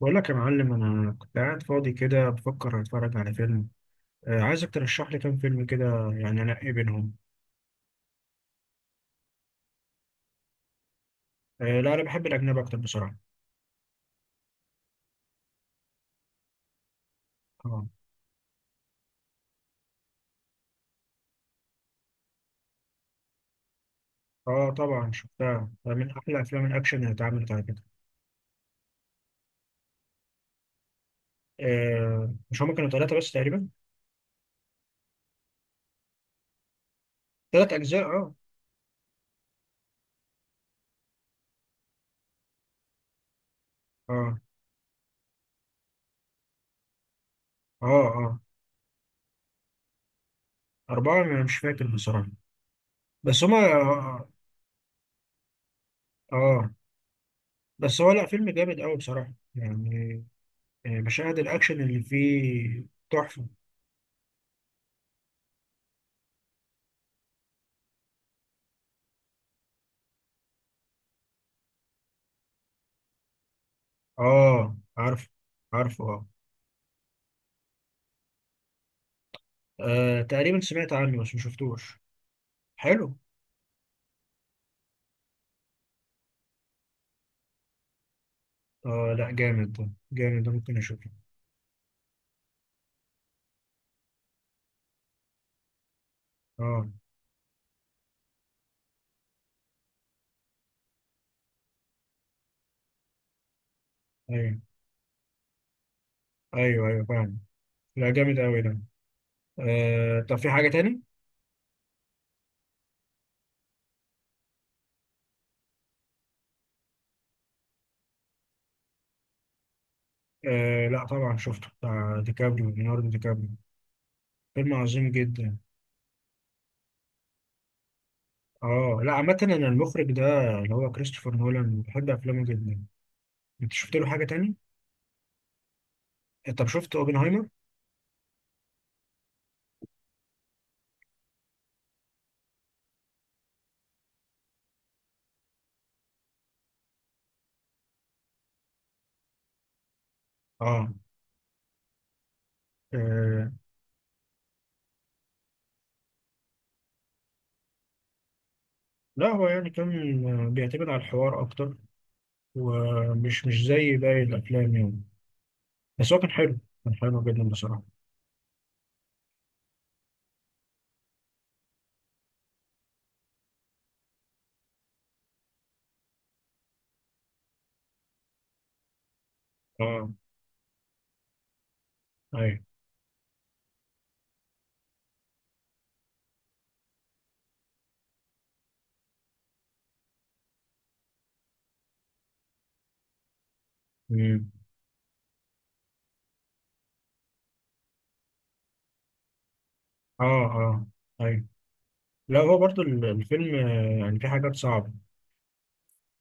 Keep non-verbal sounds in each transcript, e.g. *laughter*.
بقول لك يا معلم، انا كنت قاعد فاضي كده بفكر اتفرج على فيلم. عايزك ترشح لي كام فيلم كده. يعني انقي بينهم. آه لا، انا بحب الاجنبي اكتر بصراحه. اه اه، طبعا شفتها، ده من احلى افلام الاكشن اللي اتعملت على كده. آه، مش هما كانوا ثلاثه بس تقريبا؟ ثلاث اجزاء اه اه اه اه. اربعه، انا مش فاكر بصراحه. بس هما آه آه. بس هو لا، فيلم جامد قوي بصراحه يعني. مشاهد الاكشن اللي فيه تحفه. اه عارف. عارفه آه. تقريبا سمعت عنه بس ما شفتوش. حلو. اه لا جامد ده، جامد ده ممكن اشوفه. اه ايوه، ايوه ايوه فاهم. لا جامد قوي ده. طب في حاجة تاني؟ آه لا طبعا، شفته بتاع ديكابريو، ليوناردو ديكابريو. فيلم عظيم جدا. اه لا، عامة انا المخرج ده، اللي هو كريستوفر نولان، بحب افلامه جدا. انت شفت له حاجة تاني؟ طب شفت اوبنهايمر؟ اه. آه، لا هو يعني كان بيعتمد على الحوار اكتر، ومش مش زي باقي الافلام يعني. بس هو كان حلو. كان حلو جدا بصراحة. اه ايوه. مم. اه اه ايوه. لا هو برضو الفيلم يعني في حاجات صعبة.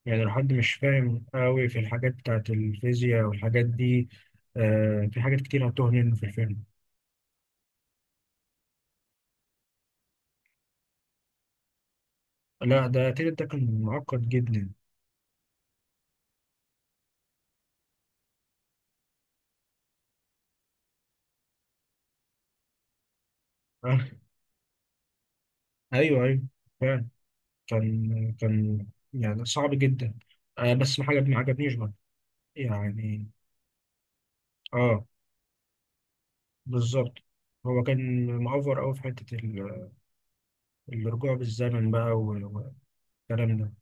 يعني لو حد مش فاهم قوي في الحاجات بتاعت الفيزياء والحاجات دي، في حاجات كتير هتوه منه في الفيلم. لا ده تيتا، ده كان معقد جدا. آه. ايوه ايوه فعلا. كان يعني صعب جدا. بس ما حاجة ما عجبنيش برضه يعني. اه بالظبط. هو كان مأفور قوي في حتة الرجوع بالزمن بقى، والكلام ده.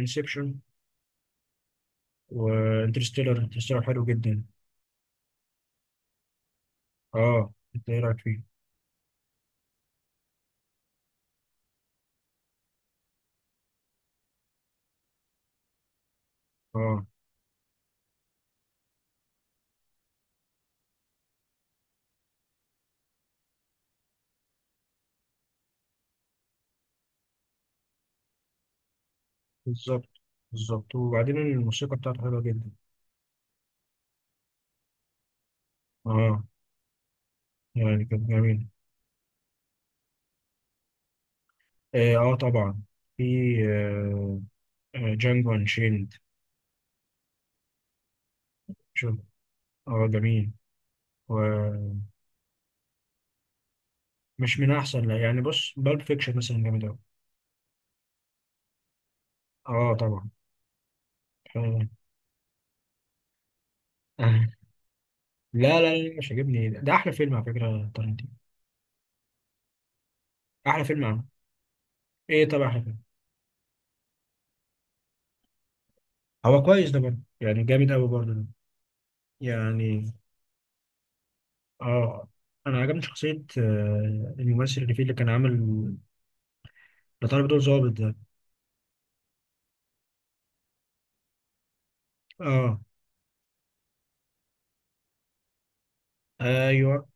انسبشن. وانترستيلر، انترستيلر حلو جدا. اه انت ايه رايك فيه؟ اه بالظبط. بالظبط، وبعدين الموسيقى بتاعته حلوه جدا. اه يعني كانت جميله. اه آه طبعا. في. آه. جانجو انشيند. شوف. اه جميل. ومش من احسن، لا يعني بص، بالب فيكشن مثلا جامد اوي. اه طبعا. آه. *laughs* لا لا لا، مش عاجبني ده، ده احلى فيلم على فكره تارنتينو. احلى فيلم عنه. ايه طبعا. هو كويس ده برضه، يعني جامد قوي برضه ده. يعني اه. انا عجبني شخصية الممثل اللي فيه، اللي كان عامل لطالب دور ظابط ده. اه ايوه.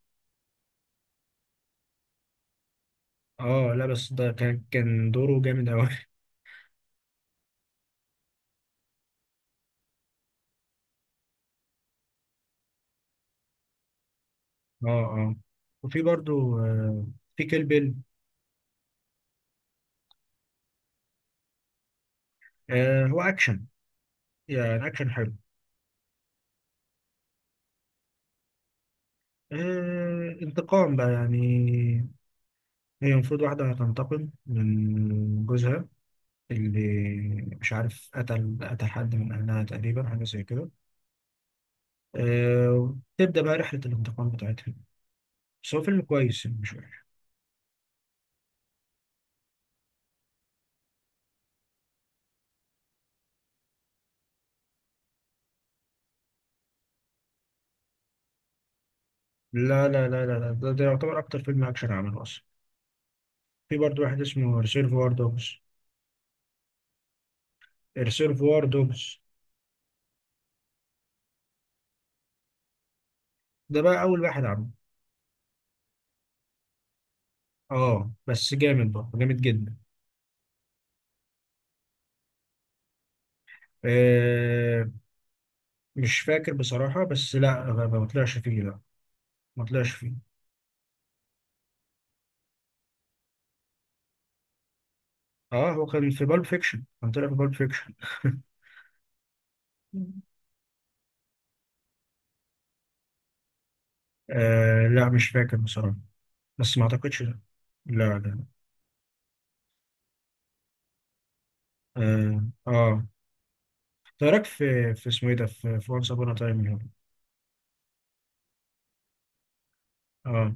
اه لا بس ده كان دوره جامد قوي. *laughs* اه اه، وفي برضه في كيل بيل. آه هو اكشن، يعني اكشن حلو. انتقام بقى يعني. هي المفروض واحدة هتنتقم من جوزها، اللي مش عارف قتل حد من أهلها تقريبا، حاجة زي كده. تبدأ بقى رحلة الانتقام بتاعتها. بس هو فيلم كويس، يعني مش وحش. لا لا لا لا لا ده، ده يعتبر أكتر فيلم أكشن عمله أصلا. في برضه واحد اسمه ريسيرفوار دوجز. ريسيرفوار دوجز ده بقى أول واحد عمله. اه بس جامد بقى، جامد جدا. آه مش فاكر بصراحة، بس لا ما طلعش فيه، لا. ما طلعش فيه. اه هو كان في بالب فيكشن، كان طلع في بالب فيكشن. *laughs* لا مش فاكر بصراحة، بس ما أعتقدش، لا. لا. لا. آه, آه. إيه رايك في اسمه ايه ده، في وانس ابون تايم هنا؟ اه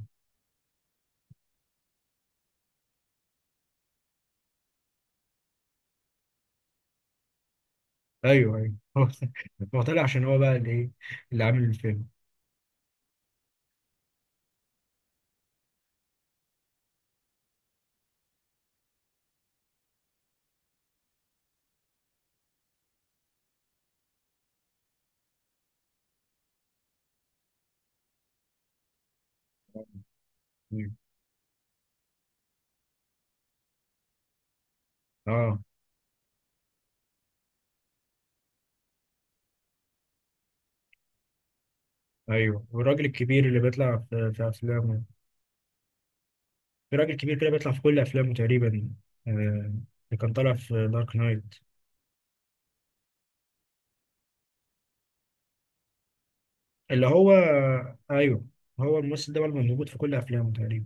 ايوه ايوه. *laughs* هو طلع عشان هو بقى اللي ايه، اللي عامل الفيلم. اه ايوه، والراجل الكبير اللي بيطلع في افلامه. في راجل كبير كده بيطلع في كل افلامه تقريبا. اللي كان طالع في دارك نايت، اللي هو. ايوه. هو الممثل ده بقى موجود في كل افلامه تقريبا.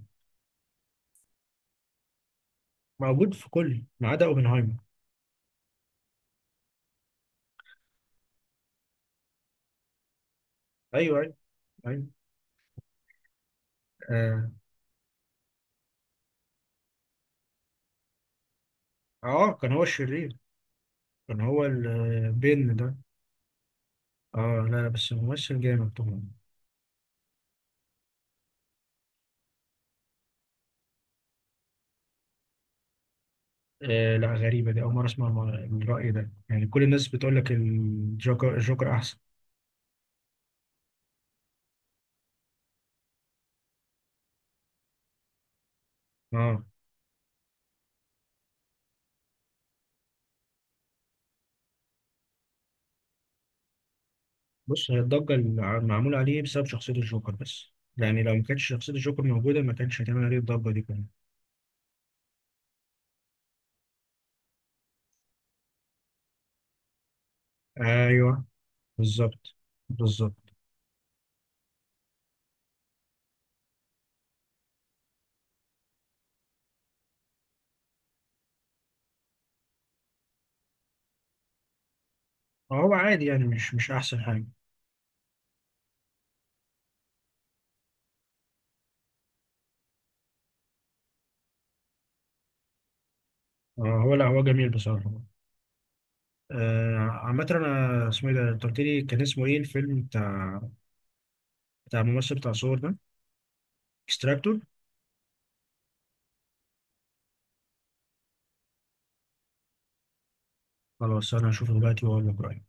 موجود في كل ما عدا اوبنهايمر. ايوه ايوه ايوه. اه, آه. كان هو الشرير. كان هو البن ده. اه لا لا، بس ممثل جامد طبعا. لا غريبة دي، أول مرة أسمع الرأي ده، يعني كل الناس بتقول لك الجوكر الجوكر أحسن. آه بص، هي الضجة اللي معمولة عليه بسبب شخصية الجوكر بس. يعني لو ما كانتش شخصية الجوكر موجودة، ما كانش هتعمل عليه الضجة دي كمان. أيوه بالظبط بالظبط. هو عادي، يعني مش أحسن حاجة. هو لا هو جميل بصراحة. عامة أنا اسمه إيه ده، أنت قلت لي كان اسمه إيه الفيلم بتاع الممثل بتاع صور ده؟ اكستراكتور. خلاص، أنا هشوفه دلوقتي وأقول لك رأيي.